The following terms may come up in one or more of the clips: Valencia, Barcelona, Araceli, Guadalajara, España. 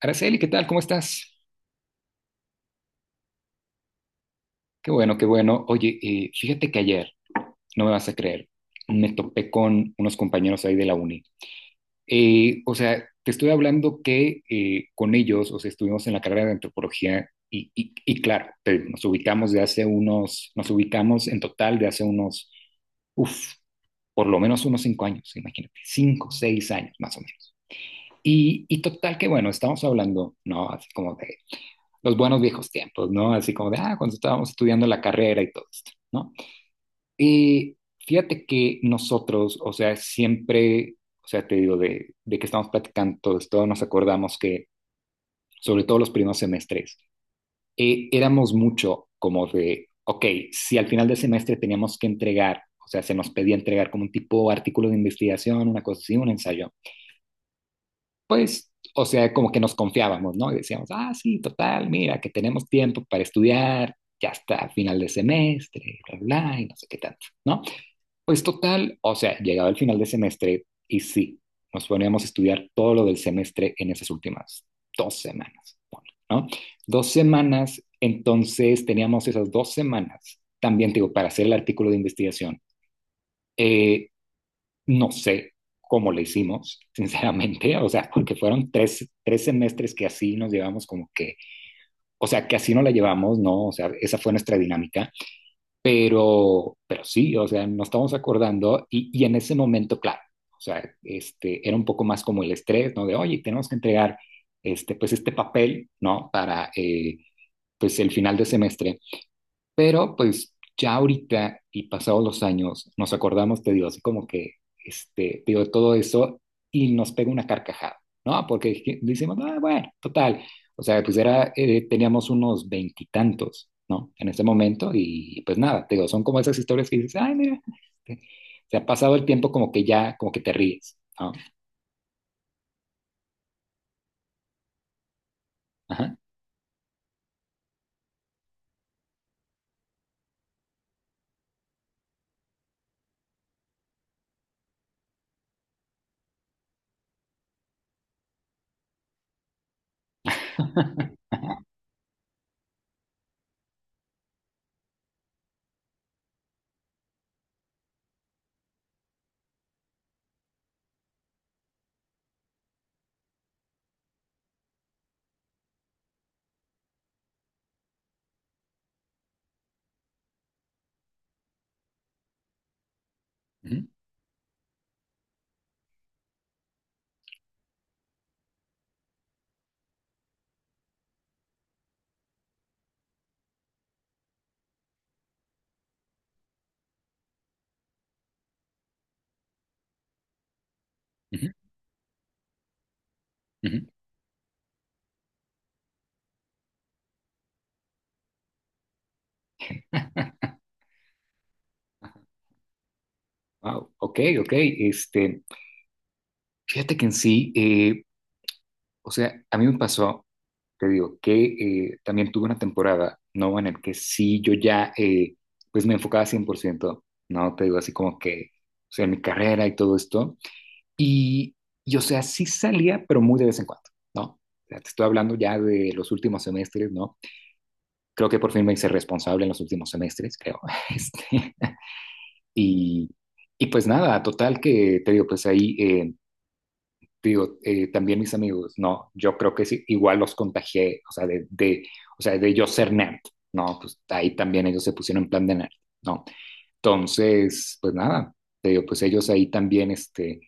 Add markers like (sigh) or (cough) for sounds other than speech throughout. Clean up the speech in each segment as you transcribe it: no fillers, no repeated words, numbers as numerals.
Araceli, ¿qué tal? ¿Cómo estás? Qué bueno, qué bueno. Oye, fíjate que ayer, no me vas a creer, me topé con unos compañeros ahí de la uni. Te estoy hablando que con ellos, o sea, estuvimos en la carrera de antropología y claro, nos ubicamos de hace unos, nos ubicamos en total de hace unos, uff, por lo menos unos 5 años, imagínate, 5, 6 años más o menos. Y total que, bueno, estamos hablando, ¿no? Así como de los buenos viejos tiempos, ¿no? Así como de, ah, cuando estábamos estudiando la carrera y todo esto, ¿no? Y fíjate que nosotros, o sea, siempre, o sea, te digo, de que estamos platicando todo esto, nos acordamos que, sobre todo los primeros semestres, éramos mucho como de, ok, si al final del semestre teníamos que entregar, o sea, se nos pedía entregar como un tipo de artículo de investigación, una cosa así, un ensayo, pues, o sea, como que nos confiábamos, ¿no? Y decíamos, ah, sí, total, mira, que tenemos tiempo para estudiar, ya está, final de semestre, bla, bla, y no sé qué tanto, ¿no? Pues total, o sea, llegaba el final de semestre y sí, nos poníamos a estudiar todo lo del semestre en esas últimas 2 semanas, ¿no? Dos semanas, entonces teníamos esas 2 semanas, también digo, para hacer el artículo de investigación, eh, no sé cómo le hicimos, sinceramente, o sea, porque fueron tres semestres que así nos llevamos como que, o sea, que así no la llevamos, ¿no? O sea, esa fue nuestra dinámica, pero sí, o sea, nos estamos acordando y en ese momento, claro, o sea, este, era un poco más como el estrés, ¿no? De, oye, tenemos que entregar, este, pues, este papel, ¿no? Para, pues, el final de semestre. Pero pues ya ahorita y pasados los años nos acordamos, te digo, así como que, este, te digo, todo eso y nos pega una carcajada, ¿no? Porque decimos, ah, bueno, total. O sea, pues era, teníamos unos veintitantos, ¿no? En ese momento y pues nada, te digo, son como esas historias que dices, ay, mira, este, se ha pasado el tiempo como que ya, como que te ríes, ¿no? Ajá. (laughs) Ujú, ujú, ujú. (laughs) Wow, ok, ok. Este, fíjate que en sí, o sea, a mí me pasó, te digo, que también tuve una temporada, ¿no? En el que sí, yo ya, pues me enfocaba 100%, ¿no? Te digo, así como que, o sea, en mi carrera y todo esto. Y, y o sea, sí salía, pero muy de vez en cuando, ¿no? O sea, te estoy hablando ya de los últimos semestres, ¿no? Creo que por fin me hice responsable en los últimos semestres, creo. (laughs) Este, y, y pues nada, total que, te digo, pues ahí... digo, también mis amigos, no, yo creo que sí, igual los contagié, o sea, o sea, de yo ser nerd, ¿no? Pues ahí también ellos se pusieron en plan de nerd, ¿no? Entonces, pues nada, te digo, pues ellos ahí también, este,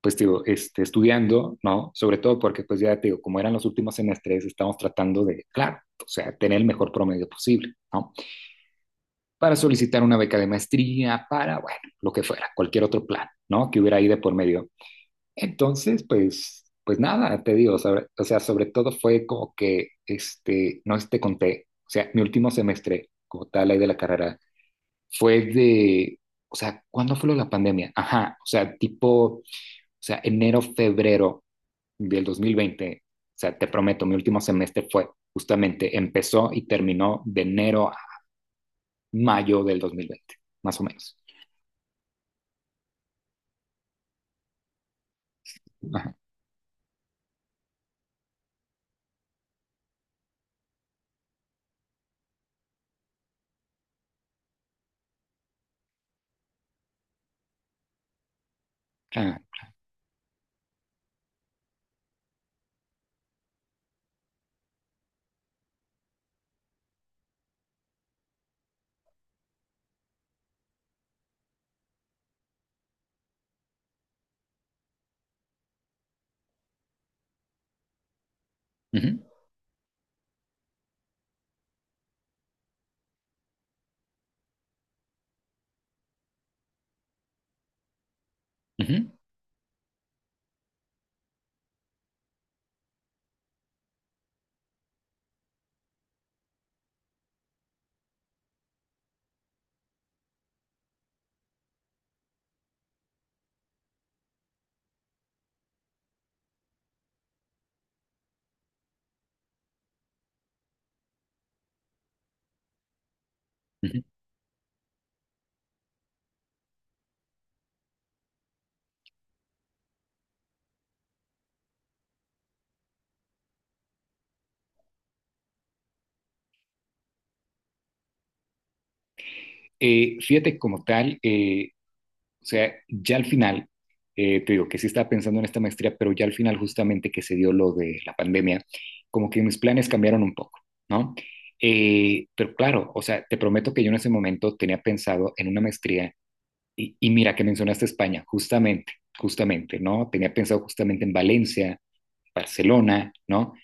pues digo, este, estudiando, ¿no? Sobre todo porque, pues ya te digo, como eran los últimos semestres, estamos tratando de, claro, o sea, tener el mejor promedio posible, ¿no? Para solicitar una beca de maestría, para, bueno, lo que fuera, cualquier otro plan, ¿no? Que hubiera ahí de por medio. Entonces, pues nada, te digo, o sea, sobre todo fue como que, este, no este conté, o sea, mi último semestre, como tal, ahí de la carrera, fue de, o sea, ¿cuándo fue lo de la pandemia? Ajá, o sea, tipo, o sea, enero, febrero del 2020. O sea, te prometo, mi último semestre fue justamente, empezó y terminó de enero a mayo del 2020 más o menos. Ajá, ah, ujú, ujú, ujú. Fíjate como tal, o sea, ya al final, te digo que sí estaba pensando en esta maestría, pero ya al final justamente que se dio lo de la pandemia, como que mis planes cambiaron un poco, ¿no? Pero claro, o sea, te prometo que yo en ese momento tenía pensado en una maestría y mira que mencionaste España, justamente, justamente, ¿no? Tenía pensado justamente en Valencia, Barcelona, ¿no?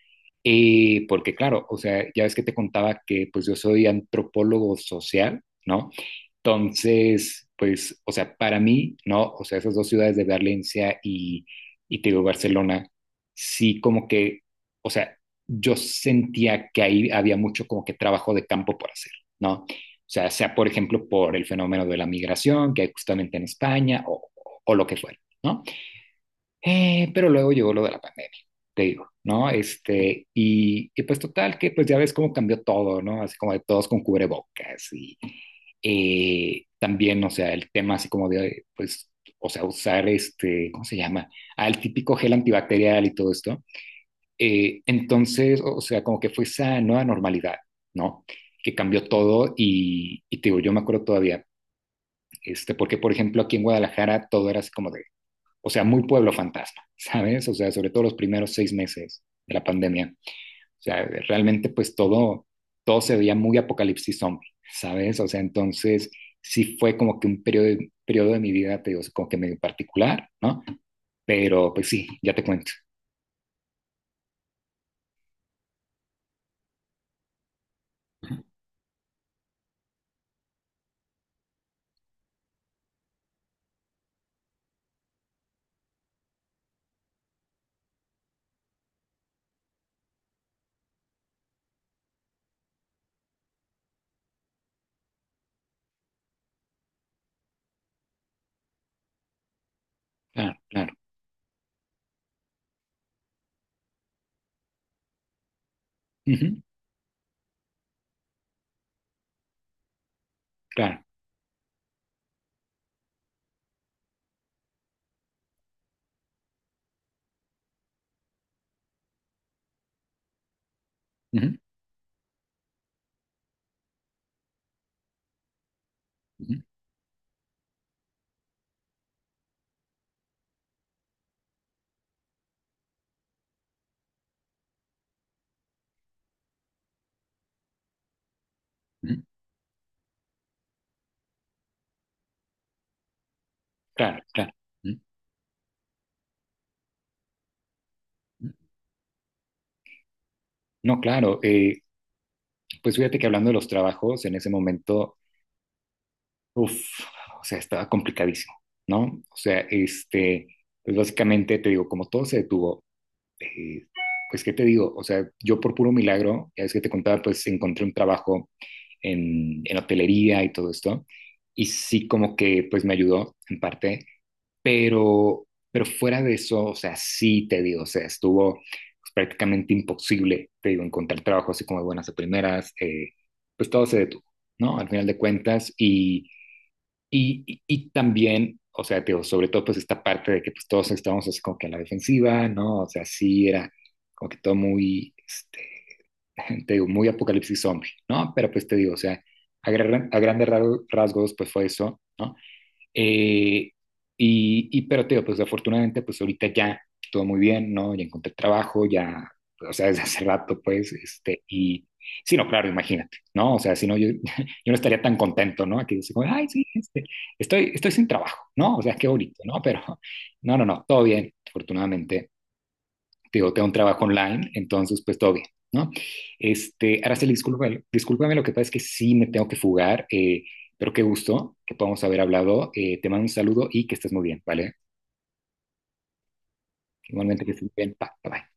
Porque claro, o sea, ya ves que te contaba que pues yo soy antropólogo social, ¿no? Entonces, pues, o sea, para mí, ¿no? O sea, esas dos ciudades de Valencia y te digo, Barcelona, sí como que, o sea, yo sentía que ahí había mucho como que trabajo de campo por hacer, ¿no? O sea, sea por ejemplo por el fenómeno de la migración que hay justamente en España o lo que fuera, ¿no? Pero luego llegó lo de la pandemia, te digo, ¿no? Este, y pues total que pues ya ves cómo cambió todo, ¿no? Así como de todos con cubrebocas, también, o sea, el tema así como de, pues, o sea, usar este, ¿cómo se llama? Al típico gel antibacterial y todo esto. Entonces, o sea, como que fue esa nueva normalidad, ¿no? Que cambió todo y te digo, yo me acuerdo todavía, este, porque por ejemplo aquí en Guadalajara todo era así como de, o sea, muy pueblo fantasma, (laughs) ¿sabes? O sea, sobre todo los primeros 6 meses de la pandemia, o sea, realmente pues todo se veía muy apocalipsis zombie, ¿sabes? O sea, entonces sí fue como que un periodo de mi vida, te digo, como que medio particular, ¿no? Pero pues sí, ya te cuento. Claro, claro. Ujú, claro. Ujú, ujú, ujú, claro, claro. Ujú, ujú. No, claro. Pues fíjate que hablando de los trabajos, en ese momento, uff, o sea, estaba complicadísimo, ¿no? O sea, este, pues básicamente te digo, como todo se detuvo, eh, pues, ¿qué te digo? O sea, yo por puro milagro, ya es que te contaba, pues encontré un trabajo en hotelería y todo esto, y sí como que, pues me ayudó en parte, pero fuera de eso, o sea, sí te digo, o sea, estuvo pues, prácticamente imposible, te digo, encontrar trabajo así como de buenas a primeras, pues todo se detuvo, ¿no? Al final de cuentas, y también, o sea, te digo, sobre todo pues esta parte de que pues todos estábamos así como que a la defensiva, ¿no? O sea, sí era como que todo muy, este, (laughs) te digo, muy apocalipsis zombie, ¿no? Pero pues te digo, o sea, a grandes rasgos pues fue eso, ¿no? Eh, pero te digo, pues afortunadamente, pues ahorita ya todo muy bien, ¿no? Ya encontré trabajo, ya, o sea, desde hace rato, pues, este, y sí, no, claro, imagínate, ¿no? O sea, si no, yo, (laughs) yo no estaría tan contento, ¿no? Aquí dice, como, ay, sí, este, estoy sin trabajo, ¿no? O sea, qué bonito, ¿no? Pero, no, no, no, todo bien, afortunadamente digo, tengo un trabajo online, entonces pues todo bien, ¿no? Este, Araceli, discúlpame, lo que pasa es que sí me tengo que fugar, pero qué gusto que podamos haber hablado. Te mando un saludo y que estés muy bien, ¿vale? Igualmente que estés muy bien. Bye, bye.